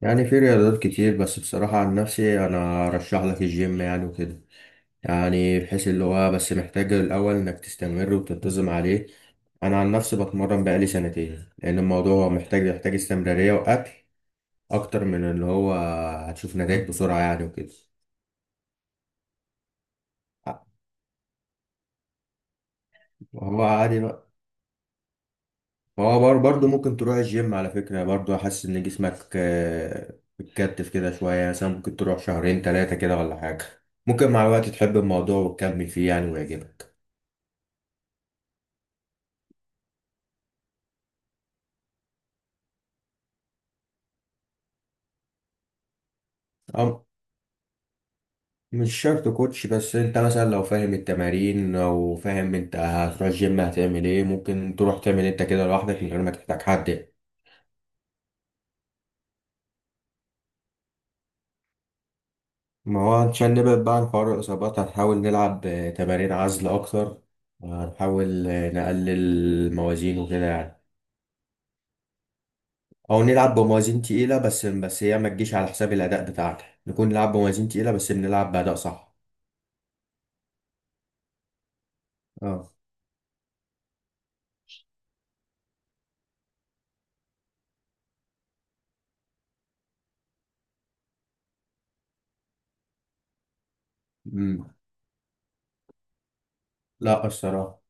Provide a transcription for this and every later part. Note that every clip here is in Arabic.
يعني في رياضات كتير، بس بصراحة عن نفسي أنا أرشح لك الجيم يعني وكده. يعني بحيث اللي هو بس محتاج الأول إنك تستمر وتنتظم عليه. أنا عن نفسي بتمرن بقالي سنتين لأن الموضوع هو محتاج يحتاج استمرارية وأكل أكتر من اللي هو. هتشوف نتائج بسرعة يعني وكده. هو عادي بقى. برضه ممكن تروح الجيم على فكرة، برضه حاسس إن جسمك بتكتف كده شوية، يعني مثلا ممكن تروح شهرين تلاتة كده ولا حاجة. ممكن مع الوقت تحب الموضوع وتكمل فيه يعني ويعجبك. أم مش شرط كوتش، بس انت مثلا لو فاهم التمارين او فاهم انت هتروح الجيم هتعمل ايه، ممكن تروح تعمل انت كده لوحدك من غير ما تحتاج حد. ما هو عشان نبعد بقى عن حوار الاصابات، هنحاول نلعب تمارين عزل اكتر. هنحاول نقلل الموازين وكده يعني. او نلعب بموازين تقيلة، بس هي ما تجيش على حساب الاداء بتاعتك، نكون نلعب بموازين تقيلة بس بنلعب باداء صح. اه. امم لا الصراحة،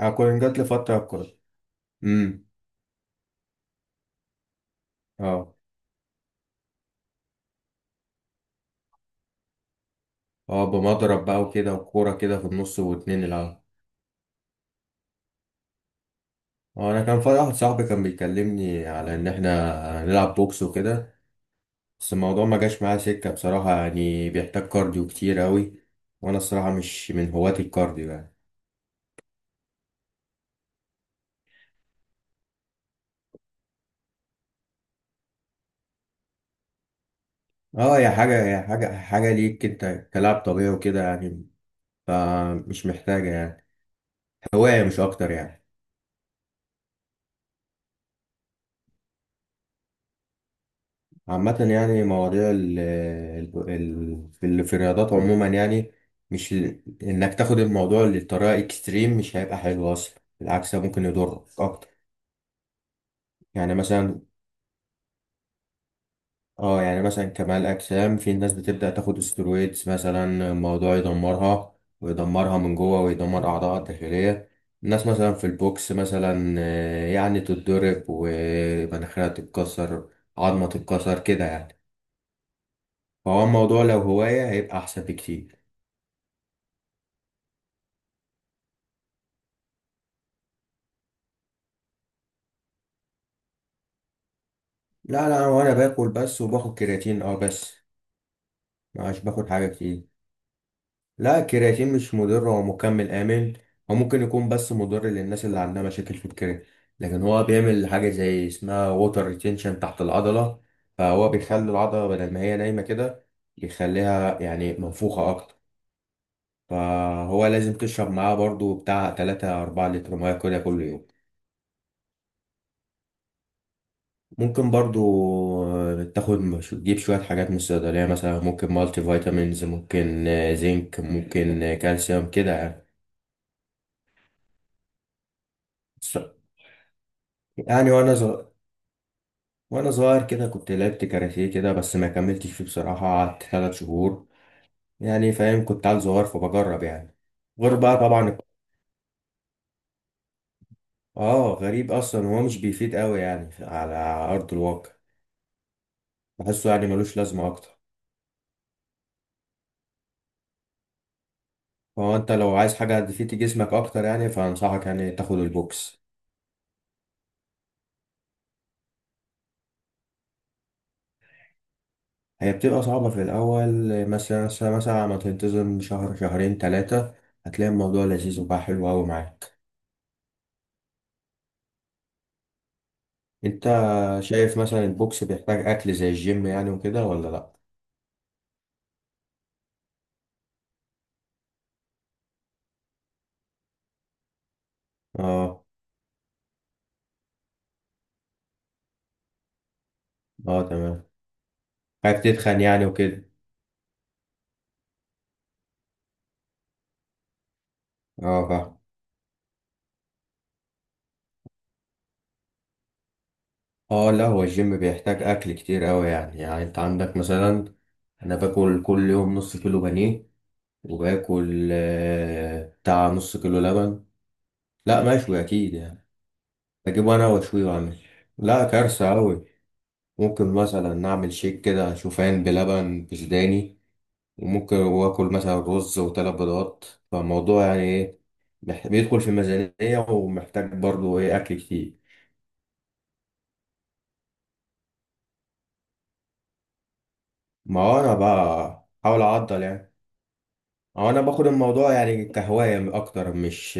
انا كنت جات لي فترة كنت. امم اه. اه بمضرب بقى وكده، وكورة كده في النص واتنين يلعبوا. اه، انا كان في واحد صاحبي كان بيكلمني على ان احنا نلعب بوكس وكده، بس الموضوع ما جاش معايا سكة بصراحة، يعني بيحتاج كارديو كتير قوي. وانا الصراحة مش من هواة الكارديو يعني. اه هي حاجة، هي حاجة ليك انت كلاعب طبيعي وكده يعني. فمش محتاجة يعني، هواية مش اكتر يعني. عامة يعني مواضيع في الرياضات عموما يعني، مش ال- انك تاخد الموضوع للطريقة اكستريم مش هيبقى حلو اصلا، بالعكس ده ممكن يضرك اكتر. يعني مثلا، اه يعني مثلا كمال اجسام، في ناس بتبدأ تاخد استرويدز مثلا، الموضوع يدمرها ويدمرها من جوه ويدمر اعضائها الداخلية. الناس مثلا في البوكس مثلا، يعني تتضرب ومناخيرها تتكسر، عظمة تتكسر كده يعني. فهو الموضوع لو هواية هيبقى أحسن بكتير. لا هو انا باكل بس، وباخد كرياتين اه بس. مش باخد حاجه كتير. لا الكرياتين مش مضر، هو مكمل امن. هو ممكن يكون بس مضر للناس اللي عندها مشاكل في الكرياتين، لكن هو بيعمل حاجه زي اسمها ووتر ريتينشن تحت العضله، فهو بيخلي العضله بدل ما هي نايمه كده، يخليها يعني منفوخه اكتر. فهو لازم تشرب معاه برضو بتاع 3 4 لتر ميه كده كل يوم. ممكن برضو تاخد تجيب شوية حاجات من الصيدلية، مثلا ممكن مالتي فيتامينز، ممكن زنك، ممكن كالسيوم كده يعني. بس- يعني وانا صغير، وانا صغير كده كنت لعبت كاراتيه كده، بس ما كملتش فيه بصراحة، قعدت ثلاث شهور يعني. فاهم، كنت عيل صغير فبجرب يعني. غير بقى طبعا. اه غريب اصلا، هو مش بيفيد قوي يعني على ارض الواقع. بحسه يعني ملوش لازمة اكتر. فهو انت لو عايز حاجة تفيد جسمك اكتر يعني، فانصحك يعني تاخد البوكس. هي بتبقى صعبة في الأول، مثلا ما تنتظم شهر شهرين تلاتة هتلاقي الموضوع لذيذ وبقى حلو أوي معاك. أنت شايف مثلا البوكس بيحتاج أكل زي الجيم يعني وكده ولا لأ؟ اه. اه تمام. خايف تتخن يعني وكده. اه فاهم. اه لا هو الجيم بيحتاج أكل كتير أوي، يعني يعني أنت عندك مثلا، أنا باكل كل يوم نص كيلو بانيه، وباكل بتاع نص كيلو لبن. لا مشوي أكيد يعني. بجيبه أنا وأشويه وأعمل. لا كارثة أوي. ممكن مثلا نعمل شيك كده شوفان بلبن بسوداني، وممكن واكل مثلا رز وثلاث بيضات. فالموضوع يعني ايه، بيدخل في الميزانية ومحتاج برضو ايه اكل كتير. ما هو انا بقى حاول اعدل يعني. هو انا باخد الموضوع يعني كهواية اكتر مش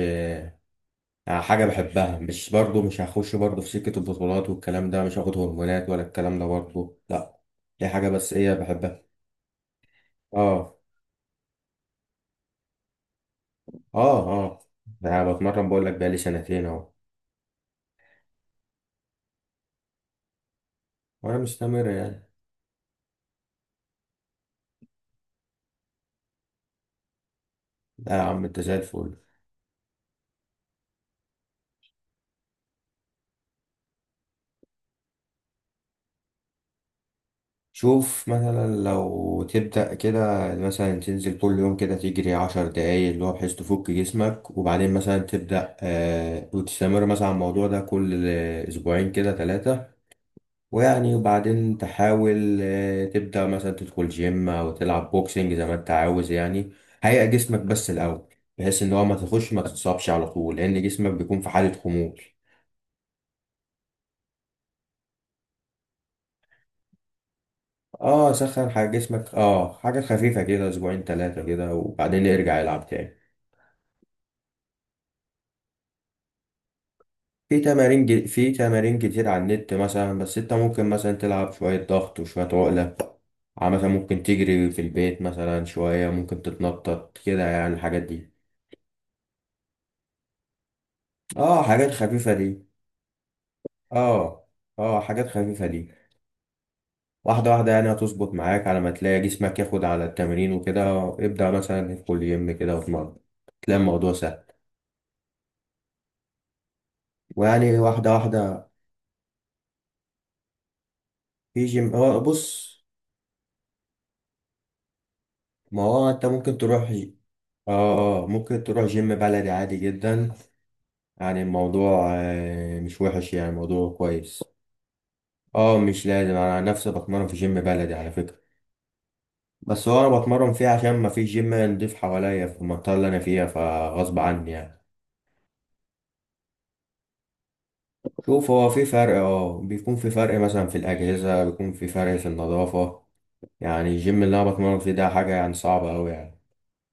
يعني، حاجة بحبها، مش برضو مش هخش برضو في سكة البطولات والكلام ده، مش هاخد هرمونات ولا الكلام ده برضو لا. دي حاجة بس ايه بحبها. اه. اه. اه يعني بتمرن بقول لك بقالي سنتين اهو، ولا مستمرة يعني. لا يا عم انت زي الفل. شوف مثلا لو تبدأ كده، مثلا تنزل كل يوم كده تجري عشر دقايق، اللي هو بحيث تفك جسمك، وبعدين مثلا تبدأ آه وتستمر مثلا على الموضوع ده كل أسبوعين كده ثلاثة. ويعني وبعدين تحاول آه تبدأ مثلا تدخل جيم أو تلعب بوكسنج زي ما انت عاوز يعني. هيئ جسمك بس الأول، بحيث إن هو ما تخش ما تتصابش على طول، لأن جسمك بيكون في حالة خمول. اه سخن حاجة جسمك، اه حاجة خفيفة كده اسبوعين ثلاثة كده، وبعدين يرجع يلعب تاني. في تمارين كتير على النت مثلا، بس انت ممكن مثلا تلعب شوية ضغط وشوية عقلة، مثلا ممكن تجري في البيت مثلا شوية، ممكن تتنطط كده يعني الحاجات دي. اه حاجات خفيفة دي. اه. اه حاجات خفيفة دي. واحدة واحدة يعني، هتظبط معاك على ما تلاقي جسمك ياخد على التمرين وكده، ابدأ مثلا في كل يوم كده واتمرن تلاقي الموضوع سهل. ويعني واحدة واحدة. في جيم اه بص، ما هو انت ممكن تروح اه. اه ممكن تروح جيم بلدي عادي جدا، يعني الموضوع مش وحش يعني الموضوع كويس. اه مش لازم، انا عن نفسي بتمرن في جيم بلدي على فكرة. بس هو انا بتمرن فيه عشان ما فيش جيم نضيف حواليا في المنطقة اللي انا فيها، فغصب عني يعني. شوف هو في فرق، اه بيكون في فرق مثلا في الأجهزة، بيكون في فرق في النظافة، يعني الجيم اللي انا بتمرن فيه ده حاجة يعني صعبة اوي يعني.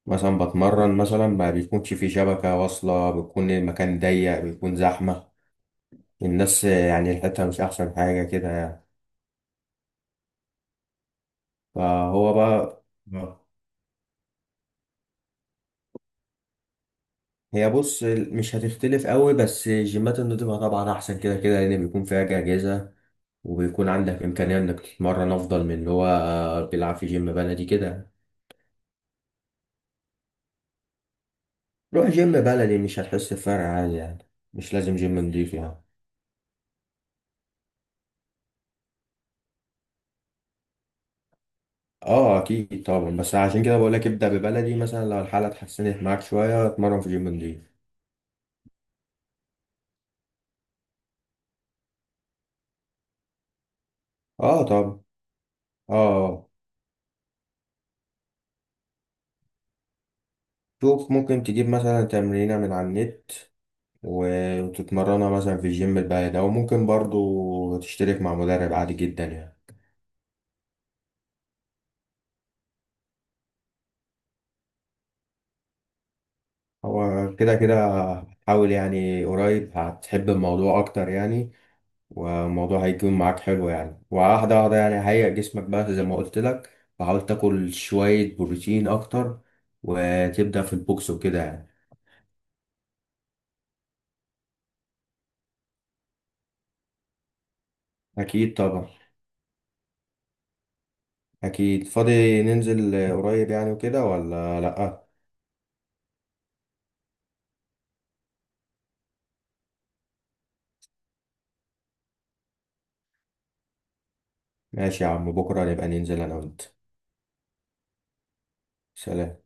مثلا بتمرن، مثلا ما بيكونش في شبكة واصلة، بيكون المكان ضيق، بيكون زحمة الناس، يعني الحتة مش أحسن حاجة كده يعني. فهو بقى. آه. هي بص مش هتختلف قوي، بس الجيمات النضيفة طبعا أحسن كده كده، لأن بيكون فيها أجهزة، وبيكون عندك إمكانية إنك تتمرن أفضل من اللي هو بيلعب في جيم بلدي كده. روح جيم بلدي مش هتحس بفرق عادي يعني. مش لازم جيم نضيف يعني. اه اكيد طبعا، بس عشان كده بقول لك ابدا ببلدي، مثلا لو الحاله اتحسنت معاك شويه اتمرن في جيم نضيف. اه طبعا. اه. شوف ممكن تجيب مثلا تمرينه من على النت وتتمرنها مثلا في الجيم البعيد، او ممكن برضو تشترك مع مدرب عادي جدا يعني. هو كده كده، حاول يعني قريب هتحب الموضوع اكتر يعني، والموضوع هيكون معاك حلو يعني، وواحدة واحدة يعني هيئ جسمك بقى زي ما قلت لك، وحاول تاكل شوية بروتين أكتر، وتبدأ في البوكس وكده يعني. أكيد طبعا. أكيد فاضي، ننزل قريب يعني وكده ولا لأ؟ ماشي يا عم بكرة نبقى ننزل أنا وأنت. سلام.